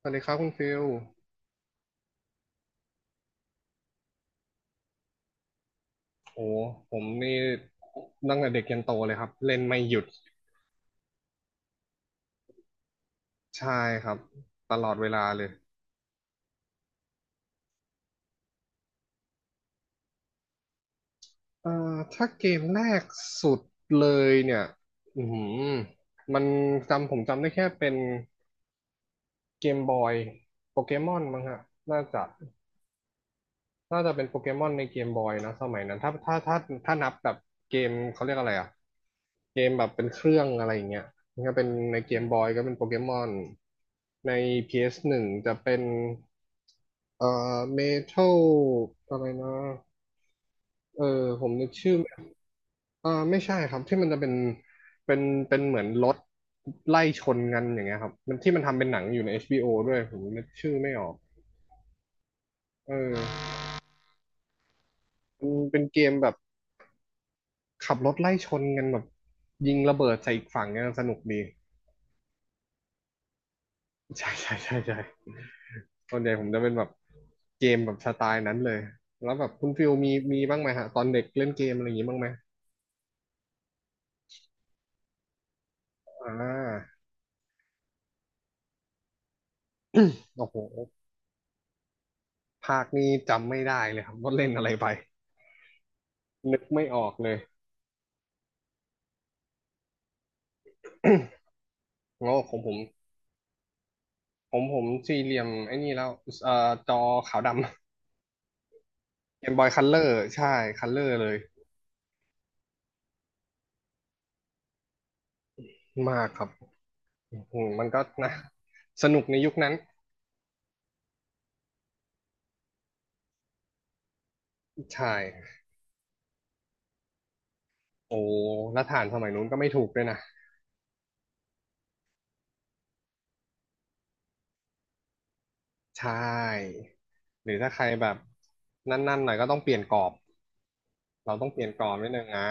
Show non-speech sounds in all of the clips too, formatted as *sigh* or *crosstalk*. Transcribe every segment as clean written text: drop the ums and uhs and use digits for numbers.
สวัสดีครับคุณฟิลโอ้ผมนี่ตั้งแต่เด็กยันโตเลยครับเล่นไม่หยุด ใช่ครับตลอดเวลาเลยเอ่อถ้าเกมแรกสุดเลยเนี่ยอือหือมันผมจำได้แค่เป็นเกมบอยโปเกมอนมั้งฮะน่าจะ น่าจะเป็นโปเกมอนในเกมบอยนะสมัยนั้นถ้านับแบบเกมเขาเรียกอะไรอ่ะเกมแบบเป็นเครื่องอะไรอย่างเงี้ยมันก็เป็นในเกมบอยก็เป็นโปเกมอนใน PS1 จะเป็นเอ่เมทัลอะไรนะเออผมนึกชื่อไม่ไม่ใช่ครับที่มันจะเป็นเป็นเป็นเหมือนรถไล่ชนกันอย่างเงี้ยครับมันที่มันทำเป็นหนังอยู่ใน HBO ด้วยผมนึกชื่อไม่ออกเออมันเป็นเกมแบบ ขับรถไล่ชนกันแบบยิงระเบิดใส่อีกฝั่งเนี่ยสนุกดีใช่ใช่ใช่ใช่ตอนใหญ่ผมจะเป็นแบบเกมแบบสไตล์นั้นเลยแล้วแบบคุณฟิลมีบ้างไหมฮะตอนเด็กเล่นเกมอะไรอย่างงี้บ้างไหมอ่าโอ้โหภาคนี้จำไม่ได้เลยครับว่าเล่นอะไรไปนึกไม่ออกเลย *coughs* โอ้ของผมผมสี่เหลี่ยมไอ้นี่แล้วเอ่อจอขาวดำเกมบอยคัลเลอร์ใช่คัลเลอร์เลยมากครับอืมมันก็นะสนุกในยุคนั้นใช่ โอ้แล้วถ่านสมัยนู้นก็ไม่ถูกด้วยนะใช่หรือถ้าใครแบบนั่นๆหน่อยก็ต้องเปลี่ยนกรอบเราต้องเปลี่ยนกรอบนิดนึงอ่ะ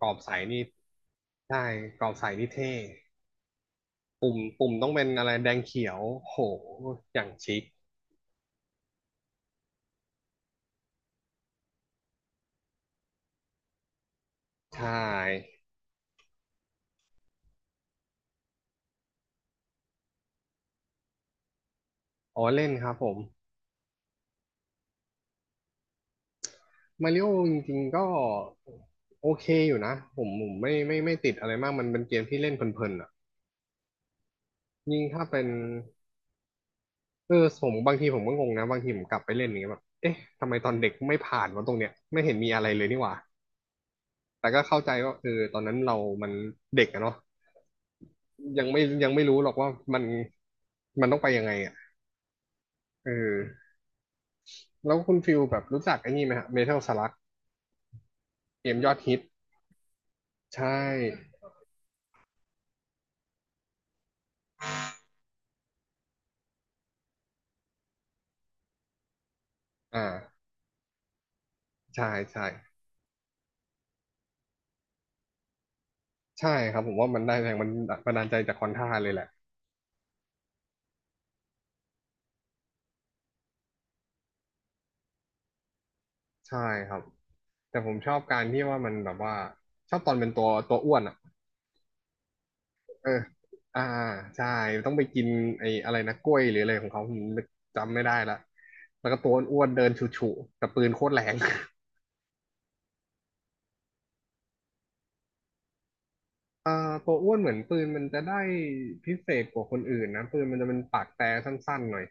กรอบใสนี่ใช่กรอบใสนี่เท่ปุ่มต้องเป็นอะไรแดงเขียวโหอย่างชิคใช่อ๋อเล่นครับผมมาริโอจริงๆก็โอเคอยู่นะผมไม่ติดอะไรมากมันเป็นเกมที่เล่นเพลินๆอ่ะยิ่งถ้าเป็น เออผมบางทีผมก็งงนะบางทีผมกลับไปเล่นอย่างเงี้ยแบบเอ๊ะทำไมตอนเด็กไม่ผ่านมาตรงเนี้ยไม่เห็นมีอะไรเลยนี่หว่าแต่ก็เข้าใจว่าเออตอนนั้นเรามันเด็กอะเนาะยังไม่รู้หรอกว่ามันมันต้องไปยังไงอ่ะเออแล้วคุณฟิลแบบรู้จักไอ้นี่ไหมฮะเมทัลสลักเกมยอดฮิตใช่อ่าใช่ใช่ใช่ครับผมว่ามันได้แรงมันบันดาลใจจากคอนท่าเลยแหละใช่ครับแต่ผมชอบการที่ว่ามันแบบว่าชอบตอนเป็นตัวอ้วนอ่ะ เอออ่าใช่ต้องไปกินไอ้อะไรนะกล้วยหรืออะไรของเขาผมจำไม่ได้ละแล้วก็ตัวอ้วนๆเดินฉุๆแต่ปืนโคตรแรง *laughs* ตัวอ้วนเหมือนปืนมันจะได้พิเศษกว่าคนอื่นนะปืนมันจะเป็นปากแต่สั้นๆหน่อย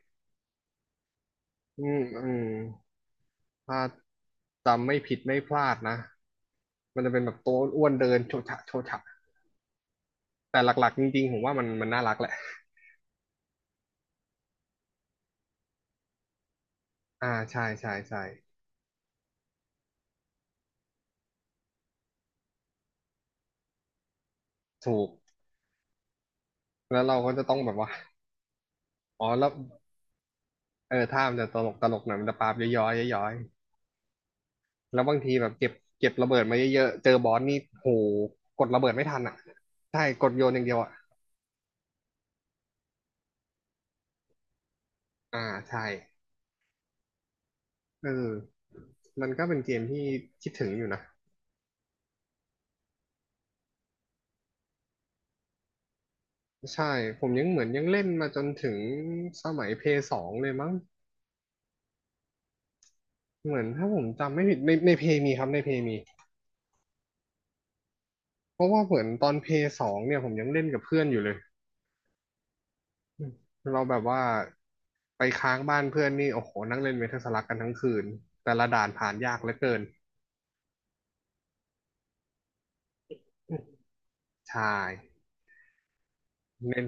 อืม อืม ถ้าจำไม่ผิดไม่พลาดนะมันจะเป็นแบบตัวอ้วนๆเดินโชฉะโชฉะแต่หลักๆจริงๆผมว่ามันน่ารักแหละอ่าใช่ใช่ใช่ถูกแล้วเราก็จะต้องแบบว่าอ๋อแล้ว เออถ้ามันจะตลกตลกหน่อยมันจะปาบย้อยย้อยๆย้อยๆแล้วบางทีแบบเก็บระเบิดมาเยอะๆเจอบอสนี่โหกดระเบิดไม่ทันอ่ะใช่กดโยนอย่างเดียวอ่ะอ่าใช่เออมันก็เป็นเกมที่คิดถึงอยู่นะใช่ผมยังเหมือนยังเล่นมาจนถึงสมัยเพย์สองเลยมั้งเหมือนถ้าผมจำไม่ผิดในเพย์มีครับในเพย์มีเพราะว่าเหมือนตอนเพย์สองเนี่ยผมยังเล่นกับเพื่อนอยู่เลย อืมเราแบบว่าไปค้างบ้านเพื่อนนี่โอ้โหนั่งเล่นเมทัลสลักกันทั้งคืนแต่ละด่านผ่านยากเหลือเกินใช่เน้น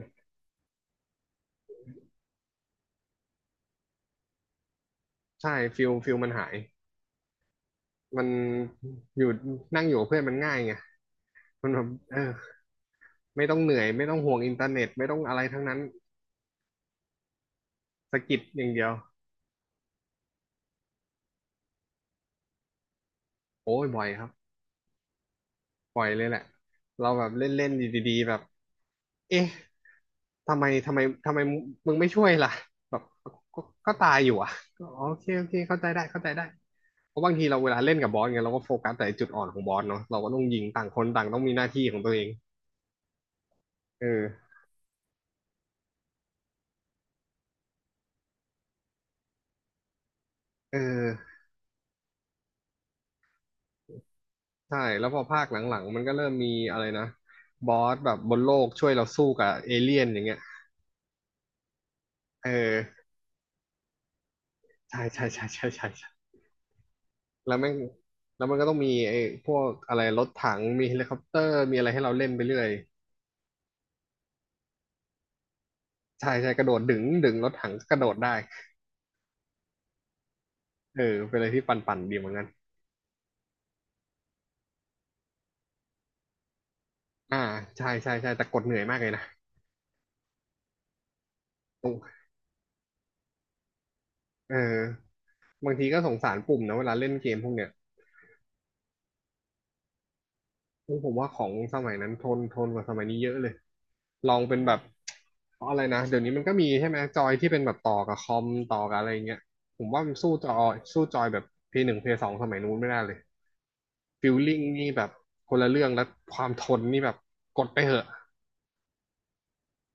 ใช่ฟิลมันหายมันอยู่นั่งอยู่กับเพื่อนมันง่ายไงมันแบบเออไม่ต้องเหนื่อยไม่ต้องห่วงอินเทอร์เน็ตไม่ต้องอะไรทั้งนั้นสะกิดอย่างเดียวโอ้ยบ่อยครับบ่อยเลยแหละเราแบบเล่นเล่นดีๆแบบเอ๊ะทำไมทำไมทำไมมึงไม่ช่วยล่ะแบบก็ก็ก็ตายอยู่อ่ะก็อ๋อโอเคโอเคเข้าใจได้เข้าใจได้ เพราะบางทีเราเวลาเล่นกับบอสเงี้ยเราก็โฟกัสแต่จุดอ่อนของบอสเนาะเราก็ต้องยิงต่างคนต่างต้องมีหน้าที่ของตัวเองเออเออใช่แล้วพอภาคหลังๆมันก็เริ่มมีอะไรนะบอสแบบบนโลกช่วยเราสู้กับเอเลี่ยนอย่างเงี้ยเออใช่ใช่ใช่ใช่ใช่ใช่แล้วแม่งแล้วมันก็ต้องมีไอ้พวกอะไรรถถังมีเฮลิคอปเตอร์มีอะไรให้เราเล่นไปเรื่อยใช่ใช่กระโดดดึงรถถังกระโดดได้เออเป็นอะไรที่ปั่นๆดีเหมือนกันอ่าใช่ใช่ใช่แต่กดเหนื่อยมากเลยนะตรงเออ บางทีก็สงสารปุ่มนะเวลาเล่นเกมพวกเนี้ยโอ้ผมว่าของสมัยนั้นทนทนกว่าสมัยนี้เยอะเลย ลองเป็นแบบอะไรนะ เดี๋ยวนี้มันก็มีใช่ไหมจอยที่เป็นแบบต่อกับคอมต่อกับอะไรอย่างเงี้ยผมว่ามันสู้จอยแบบ P1 P2 สองสมัยนู้นไม่ได้เลยฟิลลิ่งนี่แบบคนละเรื่องแล้วความทนนี่แบบกดไปเหอะ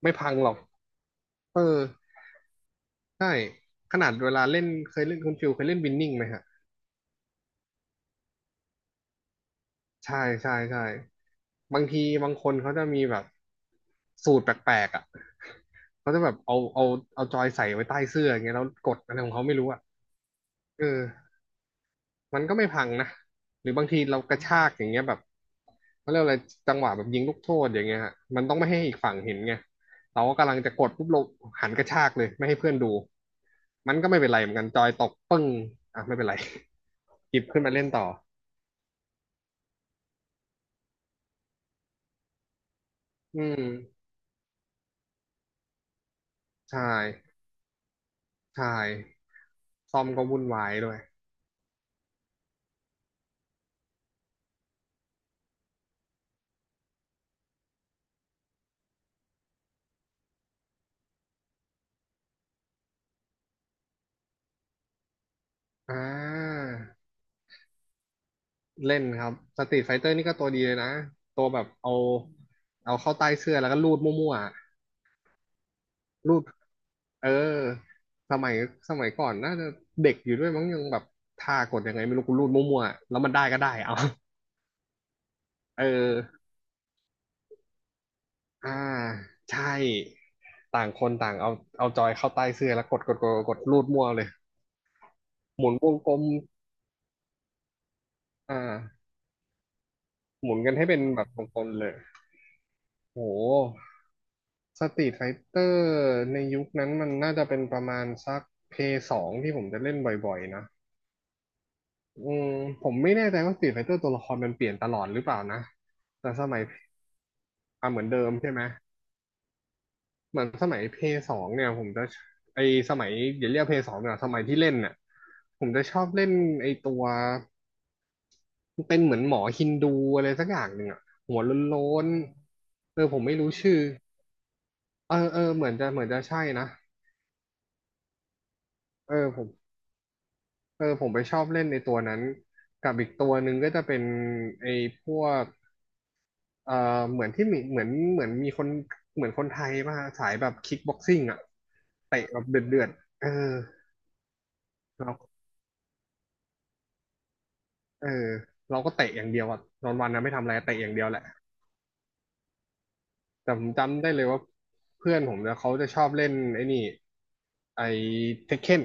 ไม่พังหรอก เออใช่ขนาดเวลาเล่นเคยเล่นคุณฟิลเคยเล่นวินนิ่งไหมฮะ ใช่ใช่ใช่บางทีบางคนเขาจะมีแบบสูตรแปลกๆอ่ะเขาจะแบบเอาเอาจอยใส่ไว้ใต้เสื้ออย่างเงี้ยแล้วกดอะไรของเขาไม่รู้อ่ะเออมันก็ไม่พังนะหรือบางทีเรากระชากอย่างเงี้ยแบบเขาเรียกอะไรจังหวะแบบยิงลูกโทษอย่างเงี้ยฮะมันต้องไม่ให้อีกฝั่งเห็นไงเราก็กำลังจะกดปุ๊บเราหันกระชากเลยไม่ให้เพื่อนดูมันก็ไม่เป็นไรเหมือนกันจอยตกปึ้งอ่ะไม่เป็นไรหยิบขึ้นมาเล่นต่ออืมใช่ใช่ ซอมก็วุ่นวายด้วยอ่าเล่นครับสตรีทไฟเตอร์นี่ก็ตัวดีเลยนะ ตัวแบบเอาเอาเข้าใต้เสื้อแล้วก็รูดมั่วๆอะรูดเออสมัยสมัยก่อนน่าจะเด็กอยู่ด้วยมั้งยังแบบท่ากดยังไงไม่รู้กูรูดมั่วๆอะแล้วมันได้ก็ได้ เอาเอออ่าใช่ ต่างคนต่างเอาเอาจอยเข้าใต้เสื้อแล้วกดรูดมั่วเลยหมุนวงกลมอ่าหมุนกันให้เป็นแบบวงกลมเลยโห สตรีทไฟเตอร์ในยุคนั้นมันน่าจะเป็นประมาณสักเพย์สองที่ผมจะเล่นบ่อยๆนะอืมผมไม่แน่ใจว่าสตรีทไฟเตอร์ตัวละครมันเปลี่ยนตลอดหรือเปล่านะแต่สมัยอ่ะเหมือนเดิมใช่ไหมเหมือนสมัยเพย์สองเนี่ยผมจะไอสมัยอย่าเรียกเพย์สองเนี่ยสมัยที่เล่นเนี่ยผมจะชอบเล่นไอตัวเป็นเหมือนหมอฮินดูอะไรสักอย่างหนึ่งอะหัวโล้นๆเออผมไม่รู้ชื่อเออเหมือนจะใช่นะเออผม เออผมไปชอบเล่นในตัวนั้น กับอีกตัวหนึ่งก็จะเป็นไอ้พวกเอ่อเหมือนที่มีเหมือนมีคนเหมือนคนไทยมาสายแบบคิกบ็อกซิ่งอ่ะเตะแบบเดือดเดือดเออเราเออเราก็เตะอย่างเดียวอ่ะนอนวันนะไม่ทำอะไรเตะอย่างเดียวแหละแต่ผมจำได้เลยว่าเพื่อนผมเนี่ยเขาจะชอบเล่นไอ้นี่ไอ้เทคเ e น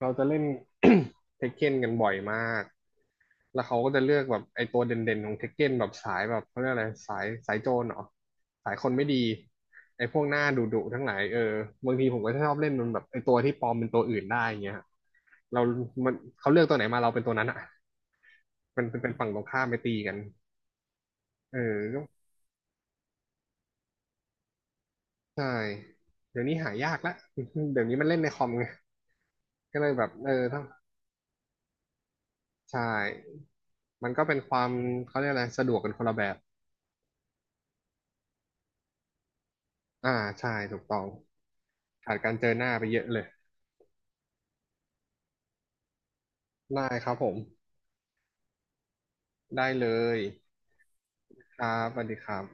เราจะเล่น *coughs* เทคเ e นกันบ่อยมาก แล้วเขาก็จะเลือกแบบไอ้ตัวเด่นๆของเทคเก้นแบบสายแบบเขาเรียกอะไรสายโจรเหรอสายคนไม่ดีไอ้พวกหน้าดุๆทั้งหลายเออบางทีผมก็ชอบเล่นมันแบบไอ้ตัวที่ปลอมเป็นตัวอื่นได้อย่างเงี้ยฮะเรามันเขาเลือกตัวไหนมาเราเป็นตัวนั้นอ่ะมันเป็นฝั่งตรงข้ามไปตีกันเออก็ใช่เดี๋ยวนี้หายากละ *laughs* เดี๋ยวนี้มันเล่นในคอมไงก็เลยแบบเออต้องใช่มันก็เป็นความเขาเรียกอะไรสะดวกกันคนละแบบอ่าใช่ถูกต้องขาดการเจอหน้าไปเยอะเลยได้ครับผม ได้เลยครับสวัสดีครับ